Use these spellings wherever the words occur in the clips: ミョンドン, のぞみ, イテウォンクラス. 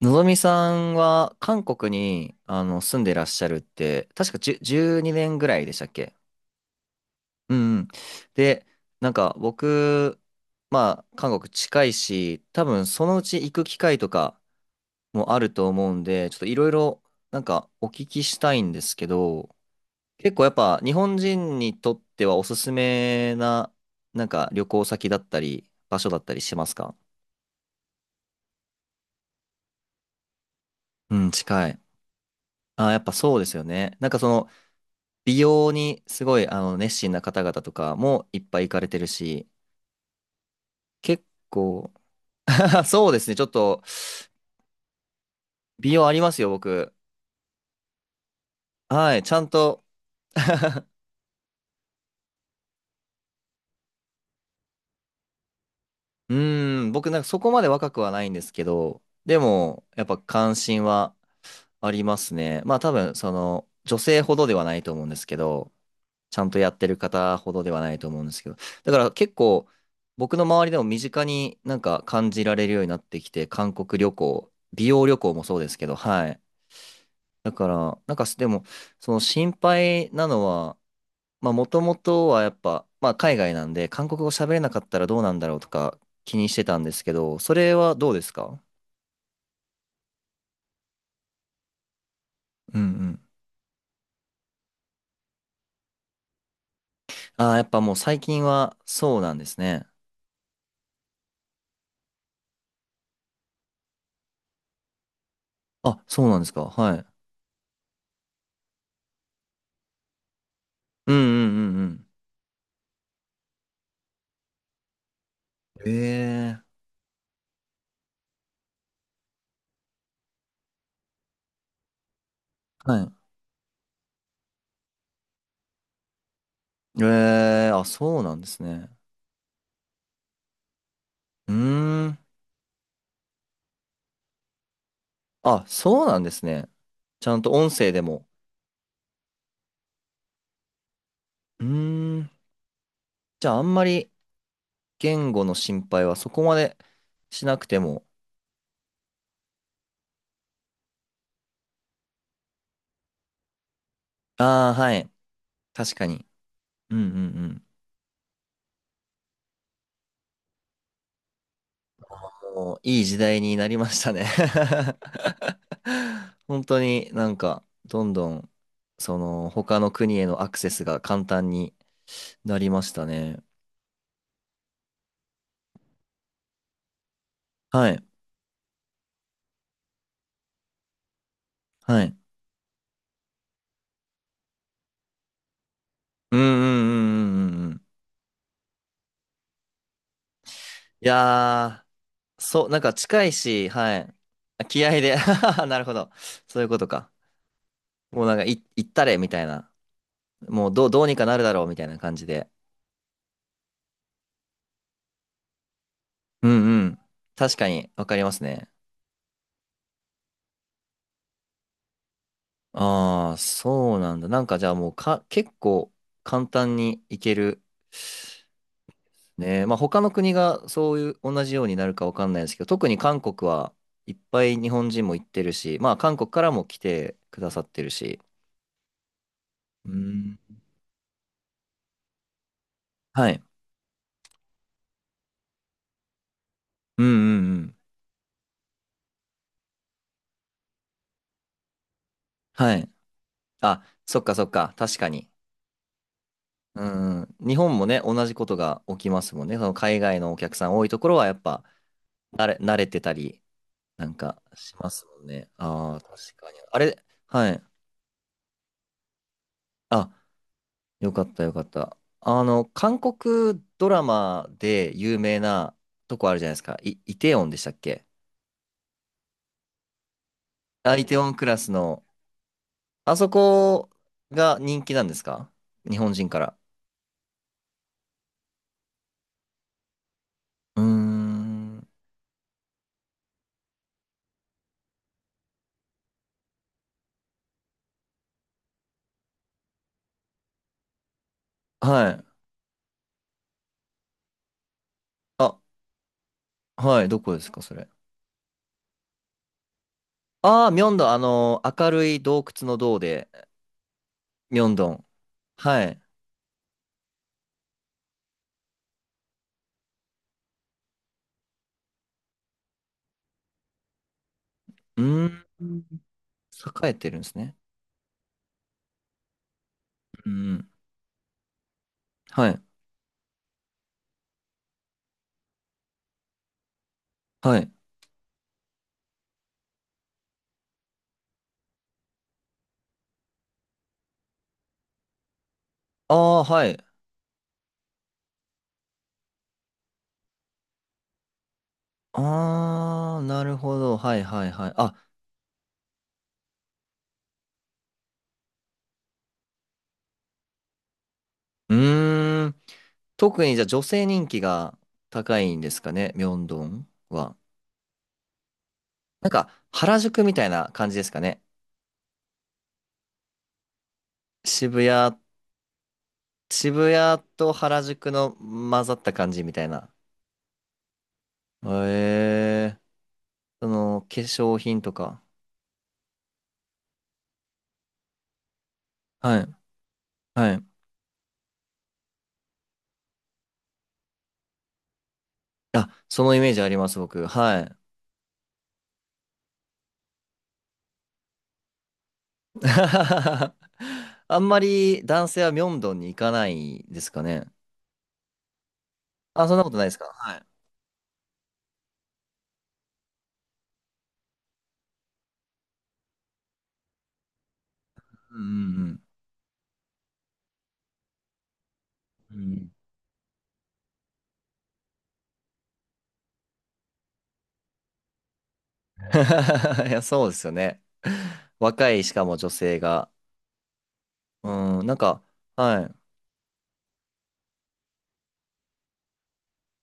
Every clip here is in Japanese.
のぞみさんは韓国に住んでらっしゃるって、確か10、12年ぐらいでしたっけ？うんうん。で、なんか僕、まあ韓国近いし、多分そのうち行く機会とかもあると思うんで、ちょっといろいろなんかお聞きしたいんですけど、結構やっぱ日本人にとってはおすすめななんか旅行先だったり場所だったりしますか？うん、近い。あ、やっぱそうですよね。なんかその美容にすごい熱心な方々とかもいっぱい行かれてるし、結構、そうですね、ちょっと美容ありますよ、僕。はい、ちゃんと。うーん、僕なんかそこまで若くはないんですけど、でも、やっぱ関心はありますね。まあ多分、その、女性ほどではないと思うんですけど、ちゃんとやってる方ほどではないと思うんですけど、だから結構、僕の周りでも身近になんか感じられるようになってきて、韓国旅行、美容旅行もそうですけど、はい。だから、なんかでも、その心配なのは、まあ、もともとはやっぱ、まあ、海外なんで、韓国語喋れなかったらどうなんだろうとか気にしてたんですけど、それはどうですか？うんうん。ああ、やっぱもう最近はそうなんですね。あ、そうなんですか。はい。うんうんうんうん。ええ、はい。ええ、あ、そうなんですね。うーん。あ、そうなんですね。ちゃんと音声でも。うーん。じゃあ、あんまり言語の心配はそこまでしなくても。ああ、はい。確かに。うんうんうん。もういい時代になりましたね。 本当になんか、どんどん、その、他の国へのアクセスが簡単になりましたね。はい。はい。うんうんうんうんうんうん。いやー、そう、なんか近いし、はい。あ、気合で なるほど。そういうことか。もうなんか、行ったれ、みたいな。もうどうにかなるだろうみたいな感じで。うんうん。確かにわかりますね。ああ、そうなんだ。なんかじゃあもうか、結構簡単にいける。ね。まあ他の国がそういう同じようになるかわかんないですけど、特に韓国はいっぱい日本人も行ってるし、まあ韓国からも来てくださってるし。うん。はい。うんうんうん。はい。あ、そっかそっか。確かに。うんうん。日本もね、同じことが起きますもんね。その海外のお客さん多いところはやっぱ、慣れてたりなんかしますもんね。ああ、確かに。あれ、はい。あ、よかったよかった。韓国ドラマで有名なとこあるじゃないですか。イテウォンでしたっけ？あ、イテウォンクラスの、あそこが人気なんですか？日本人から。うーん。はい。あ、はい。どこですか、それ。ああ、ミョンドン、明るい洞窟の洞で、ミョンドン。はい。うーん。栄えてるんですね。うん。はい。はい。ああ、はい。ああ、なるほど。はいはいはい。あ、うーん。特にじゃあ女性人気が高いんですかね、ミョンドンは。なんか原宿みたいな感じですかね。渋谷、渋谷と原宿の混ざった感じみたいな。へえ、その化粧品とか。はい、はい。あ、そのイメージあります、僕。はい。あんまり男性はミョンドンに行かないですかね。あ、そんなことないですか？はい。うんうんうん。うん いや、そうですよね。若い、しかも女性が。うん、なんか、はい。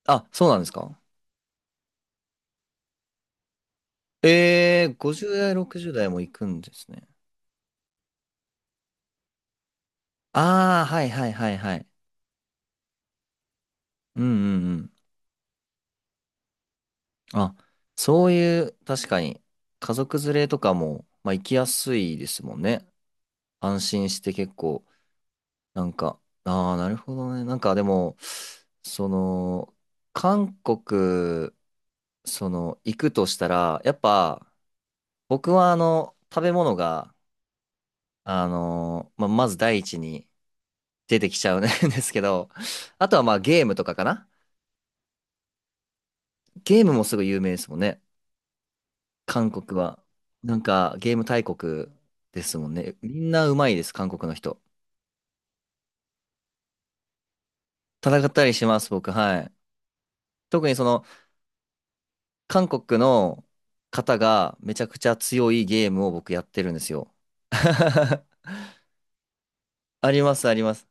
あ、そうなんですか？えー、50代、60代も行くんですね。ああ、はいはいはいはい。うんうんうん。あ、そういう、確かに、家族連れとかも、まあ行きやすいですもんね。安心して結構、なんか、ああ、なるほどね。なんかでも、その、韓国行くとしたら、やっぱ、僕は食べ物が、まあ、まず第一に出てきちゃうん ですけど、あとはまあゲームとかかな。ゲームもすごい有名ですもんね。韓国は。なんか、ゲーム大国ですもんね。みんなうまいです、韓国の人。戦ったりします、僕、はい。特に韓国の方がめちゃくちゃ強いゲームを僕やってるんですよ。あります、あります。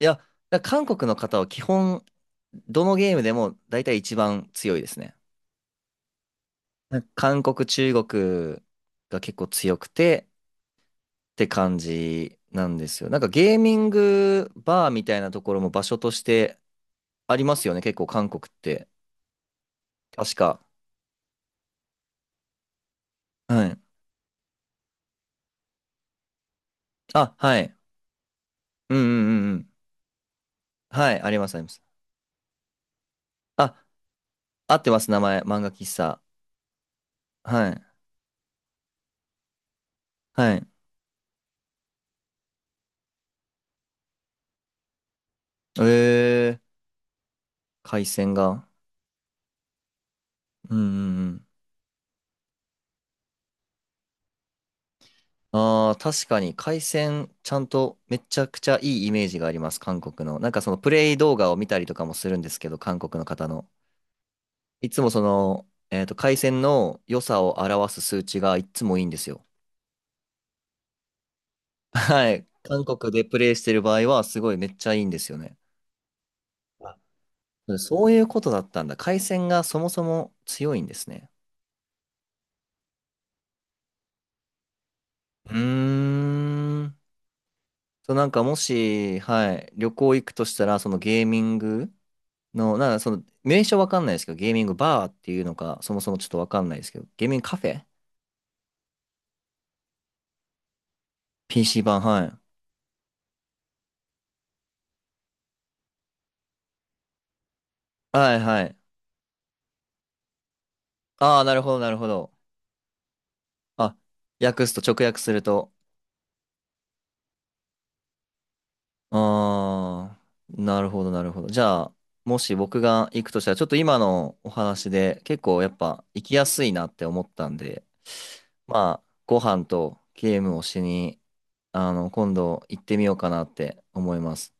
いや、だから韓国の方は基本、どのゲームでも大体一番強いですね。なんか韓国、中国が結構強くてって感じなんですよ。なんかゲーミングバーみたいなところも場所としてありますよね、結構韓国って。確か。はい。あ、はい。うんうんうんうん。はい。ありますあります。あ、合ってます。名前。漫画喫茶。はい。はい。えー、海鮮が。うんうんうん。ああ、確かに海鮮、ちゃんとめちゃくちゃいいイメージがあります、韓国の。なんかそのプレイ動画を見たりとかもするんですけど、韓国の方の。いつも海鮮の良さを表す数値がいつもいいんですよ。はい。韓国でプレイしてる場合は、すごいめっちゃいいんですよね。あ、そういうことだったんだ。海鮮がそもそも強いんですね。うーん。そう、なんかもし、はい、旅行行くとしたら、そのゲーミング、の、なんか名称わかんないですけど、ゲーミングバーっていうのか、そもそもちょっとわかんないですけど、ゲーミングカフェ？ PC 版、はい。はいはい。ああ、なるほど、なるほど。あ、訳すと、直訳すると。ああ、なるほど、なるほど。じゃあ、もし僕が行くとしたら、ちょっと今のお話で、結構やっぱ行きやすいなって思ったんで、まあ、ご飯とゲームをしに、今度行ってみようかなって思います。